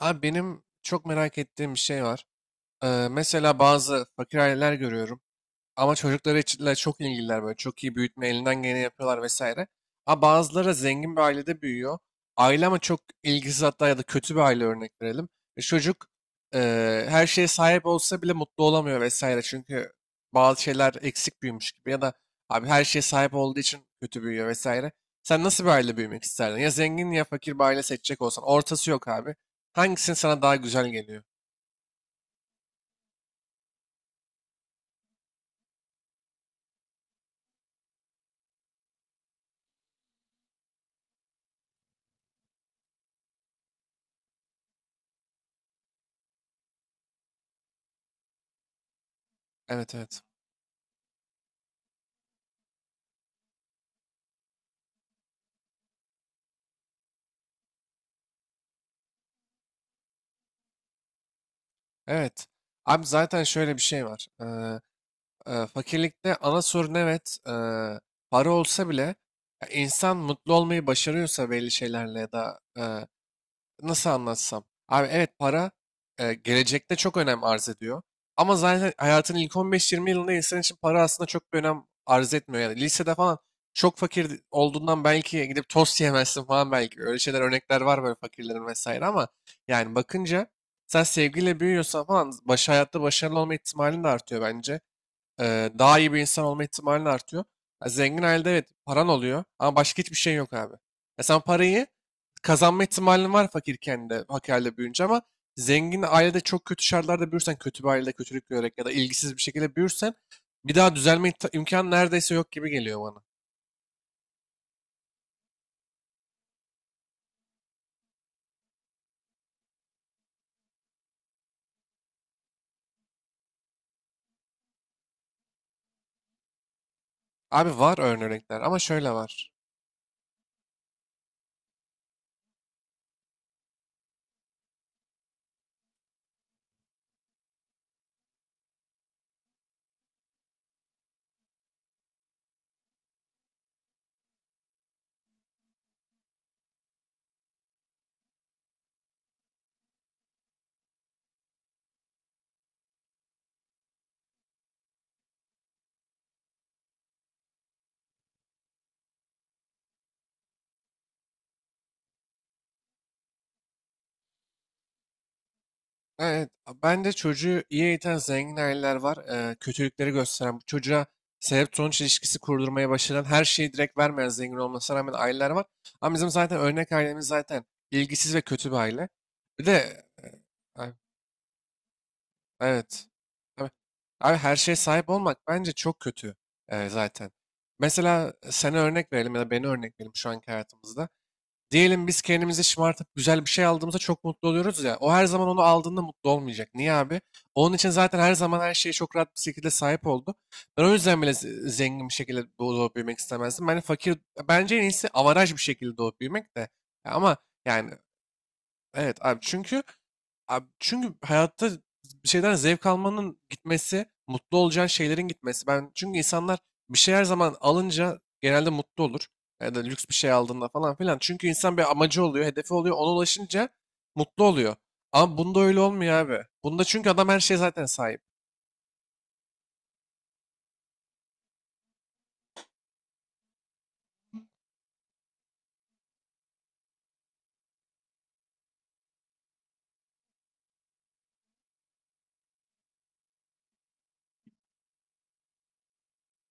Abi benim çok merak ettiğim bir şey var. Mesela bazı fakir aileler görüyorum. Ama çocukları içinle çok ilgililer böyle. Çok iyi büyütme elinden geleni yapıyorlar vesaire. Ama bazıları zengin bir ailede büyüyor. Aile ama çok ilgisiz, hatta ya da kötü bir aile örnek verelim. E, çocuk e, her şeye sahip olsa bile mutlu olamıyor vesaire. Çünkü bazı şeyler eksik büyümüş gibi ya da abi her şeye sahip olduğu için kötü büyüyor vesaire. Sen nasıl bir aile büyümek isterdin? Ya zengin ya fakir bir aile seçecek olsan. Ortası yok abi. Hangisinin sana daha güzel geliyor? Evet, evet. Evet. Abi zaten şöyle bir şey var. Fakirlikte ana sorun evet, para olsa bile ya insan mutlu olmayı başarıyorsa belli şeylerle ya da nasıl anlatsam? Abi evet, para gelecekte çok önem arz ediyor. Ama zaten hayatın ilk 15-20 yılında insan için para aslında çok bir önem arz etmiyor. Yani lisede falan çok fakir olduğundan belki gidip tost yemezsin falan belki. Öyle şeyler, örnekler var böyle fakirlerin vesaire, ama yani bakınca sen sevgiyle büyüyorsan falan baş, hayatta başarılı olma ihtimalin de artıyor bence. Daha iyi bir insan olma ihtimalin artıyor. Ha, zengin ailede evet paran oluyor ama başka hiçbir şey yok abi. Ya sen parayı kazanma ihtimalin var fakirken de, fakirle büyüyünce, ama zengin ailede çok kötü şartlarda büyürsen, kötü bir ailede kötülük görerek ya da ilgisiz bir şekilde büyürsen bir daha düzelme imkanı neredeyse yok gibi geliyor bana. Abi var örnekler ama şöyle var. Evet, ben de çocuğu iyi eğiten zengin aileler var. Kötülükleri gösteren, bu çocuğa sebep sonuç ilişkisi kurdurmaya başlayan, her şeyi direkt vermeyen, zengin olmasına rağmen aileler var. Ama bizim zaten örnek ailemiz zaten ilgisiz ve kötü bir aile. Bir de e, ay- Evet. Tabii. Abi her şeye sahip olmak bence çok kötü, zaten. Mesela sana örnek verelim ya da beni örnek verelim şu anki hayatımızda. Diyelim biz kendimizi şımartıp güzel bir şey aldığımızda çok mutlu oluyoruz ya. O her zaman onu aldığında mutlu olmayacak. Niye abi? Onun için zaten her zaman her şeye çok rahat bir şekilde sahip oldu. Ben o yüzden bile zengin bir şekilde doğup büyümek istemezdim. Ben fakir, bence en iyisi avaraj bir şekilde doğup büyümek de. Ya ama yani evet abi, çünkü abi çünkü hayatta bir şeyden zevk almanın gitmesi, mutlu olacağın şeylerin gitmesi. Ben çünkü insanlar bir şey her zaman alınca genelde mutlu olur. Ya da lüks bir şey aldığında falan filan. Çünkü insan bir amacı oluyor, hedefi oluyor. Ona ulaşınca mutlu oluyor. Ama bunda öyle olmuyor abi. Bunda çünkü adam her şeye zaten sahip.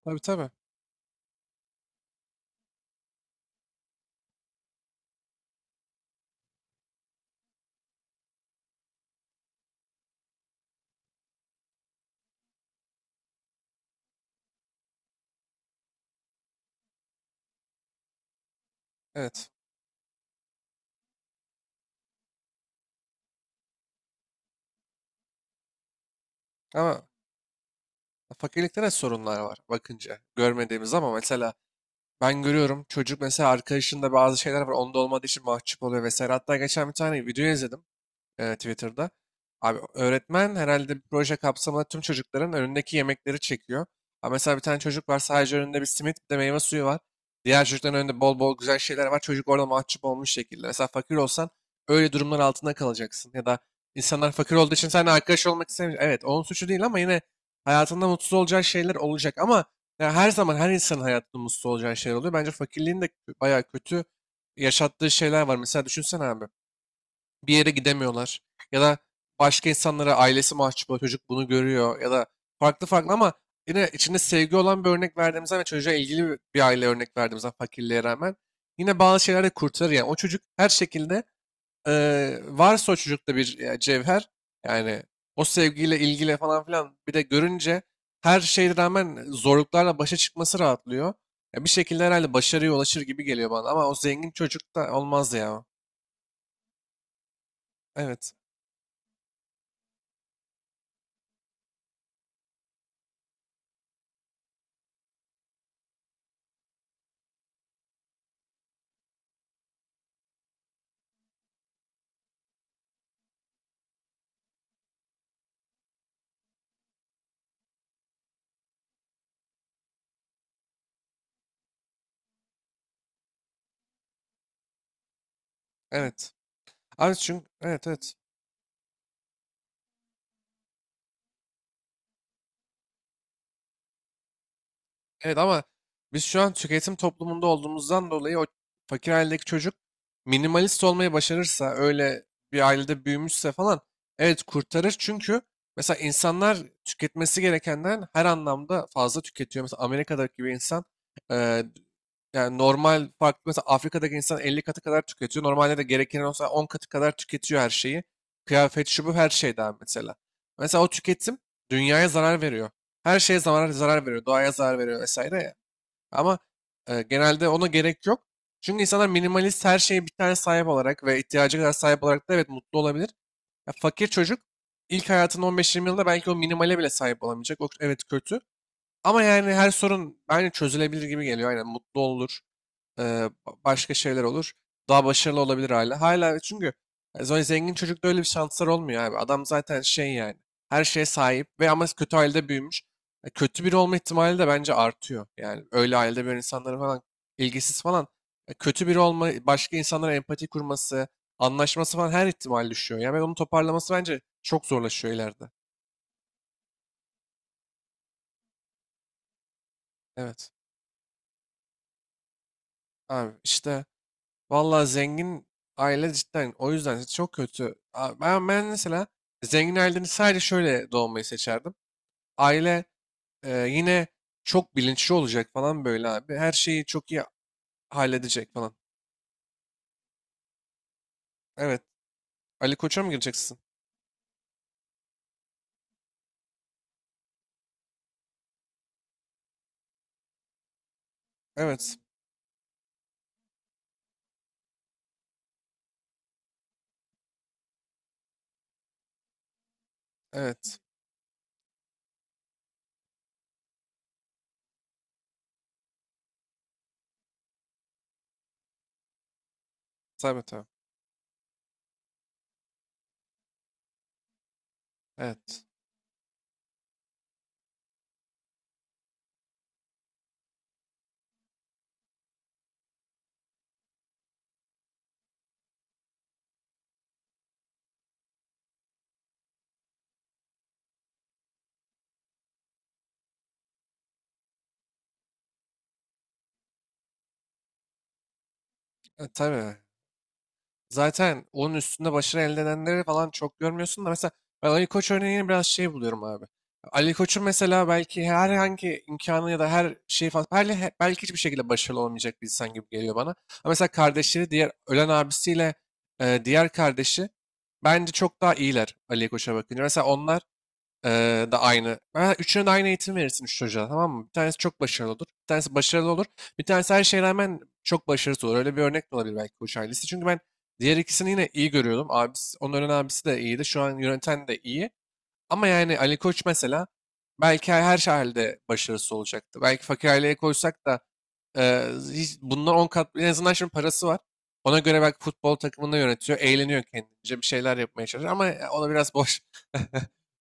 Tabii, tabii. Evet. Ama fakirlikte de sorunlar var bakınca. Görmediğimiz, ama mesela ben görüyorum, çocuk mesela arkadaşında bazı şeyler var onda olmadığı için mahcup oluyor vesaire. Hatta geçen bir tane video izledim, Twitter'da. Abi öğretmen herhalde bir proje kapsamında tüm çocukların önündeki yemekleri çekiyor. Ama mesela bir tane çocuk var, sadece önünde bir simit bir de meyve suyu var. Diğer çocukların önünde bol bol güzel şeyler var. Çocuk orada mahcup olmuş şekilde. Mesela fakir olsan öyle durumlar altında kalacaksın. Ya da insanlar fakir olduğu için seninle arkadaş olmak istemiyor. Evet onun suçu değil ama yine hayatında mutsuz olacağı şeyler olacak. Ama ya her zaman her insanın hayatında mutsuz olacağı şeyler oluyor. Bence fakirliğin de bayağı kötü yaşattığı şeyler var. Mesela düşünsene abi, bir yere gidemiyorlar. Ya da başka insanlara ailesi mahcup oluyor, çocuk bunu görüyor ya da farklı farklı, ama yine içinde sevgi olan bir örnek verdiğimizden ve çocuğa ilgili bir aile örnek verdiğimizden fakirliğe rağmen yine bazı şeyler de kurtarır yani. O çocuk her şekilde varsa o çocukta bir cevher yani, o sevgiyle ilgili falan filan bir de görünce her şeye rağmen zorluklarla başa çıkması rahatlıyor. Ya bir şekilde herhalde başarıya ulaşır gibi geliyor bana, ama o zengin çocuk da olmaz ya. Evet. Evet. Abi çünkü evet, evet. Evet, ama biz şu an tüketim toplumunda olduğumuzdan dolayı o fakir ailedeki çocuk minimalist olmayı başarırsa, öyle bir ailede büyümüşse falan, evet kurtarır, çünkü mesela insanlar tüketmesi gerekenden her anlamda fazla tüketiyor. Mesela Amerika'daki bir insan, yani normal farklı, mesela Afrika'daki insan 50 katı kadar tüketiyor. Normalde de gerekirse olsa 10 katı kadar tüketiyor her şeyi. Kıyafet, şu bu, her şey daha mesela. Mesela o tüketim dünyaya zarar veriyor. Her şeye zarar, zarar veriyor. Doğaya zarar veriyor vesaire ya. Ama genelde ona gerek yok. Çünkü insanlar minimalist, her şeye bir tane sahip olarak ve ihtiyacı kadar sahip olarak da evet mutlu olabilir. Ya fakir çocuk ilk hayatının 15-20 yılında belki o minimale bile sahip olamayacak. O, evet kötü. Ama yani her sorun aynı çözülebilir gibi geliyor. Aynen mutlu olur, ee, başka şeyler olur. Daha başarılı olabilir hala. Hala çünkü zengin çocukta öyle bir şanslar olmuyor abi. Adam zaten şey yani. Her şeye sahip ve ama kötü ailede büyümüş. Kötü biri olma ihtimali de bence artıyor. Yani öyle ailede böyle insanların falan ilgisiz falan. Kötü biri olma, başka insanlara empati kurması, anlaşması falan her ihtimal düşüyor. Yani ben onu toparlaması bence çok zorlaşıyor ileride. Evet. Abi işte vallahi zengin aile cidden o yüzden çok kötü. Ben, ben mesela zengin ailenin sadece şöyle doğmayı seçerdim. Aile yine çok bilinçli olacak falan, böyle abi. Her şeyi çok iyi halledecek falan. Evet. Ali Koç'a mı gireceksin? Evet. Evet. Tabii, tabii. Evet. E, tabii. Zaten onun üstünde başarı elde edenleri falan çok görmüyorsun da, mesela ben Ali Koç örneğini biraz şey buluyorum abi. Ali Koç'un mesela belki herhangi imkanı ya da her şeyi falan belki, belki hiçbir şekilde başarılı olamayacak bir insan gibi geliyor bana. Ama mesela kardeşleri, diğer ölen abisiyle diğer kardeşi, bence çok daha iyiler Ali Koç'a bakınca. Mesela onlar da aynı. Ha, üçüne de aynı eğitim verirsin üç çocuğa, tamam mı? Bir tanesi çok başarılı olur. Bir tanesi başarılı olur. Bir tanesi her şeye rağmen çok başarısız olur. Öyle bir örnek de olabilir belki bu ailesi. Çünkü ben diğer ikisini yine iyi görüyordum. Abisi, onların abisi de iyiydi. Şu an yöneten de iyi. Ama yani Ali Koç mesela belki her her halde başarısı olacaktı. Belki fakir aileye koysak da e, hiç, bundan 10 kat en azından şimdi parası var. Ona göre belki futbol takımını yönetiyor, eğleniyor, kendince bir şeyler yapmaya çalışıyor, ama ona biraz boş.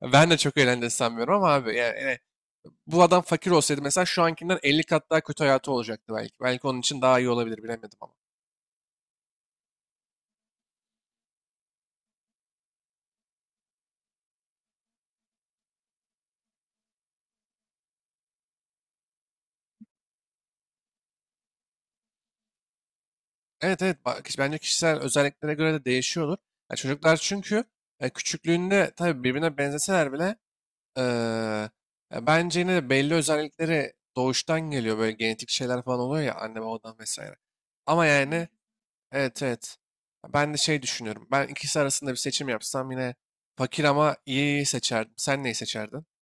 Ben de çok eğlendiğini sanmıyorum ama abi, yani, yani bu adam fakir olsaydı mesela şu ankinden 50 kat daha kötü hayatı olacaktı belki. Belki onun için daha iyi olabilir, bilemedim ama. Evet, evet bak, bence kişisel özelliklere göre de değişiyordur. Ya çocuklar çünkü küçüklüğünde tabii birbirine benzeseler bile, e, ya bence yine de belli özellikleri doğuştan geliyor. Böyle genetik şeyler falan oluyor ya, anne babadan vesaire. Ama yani evet, evet ben de şey düşünüyorum. Ben ikisi arasında bir seçim yapsam yine fakir ama iyi seçerdim. Sen neyi seçerdin?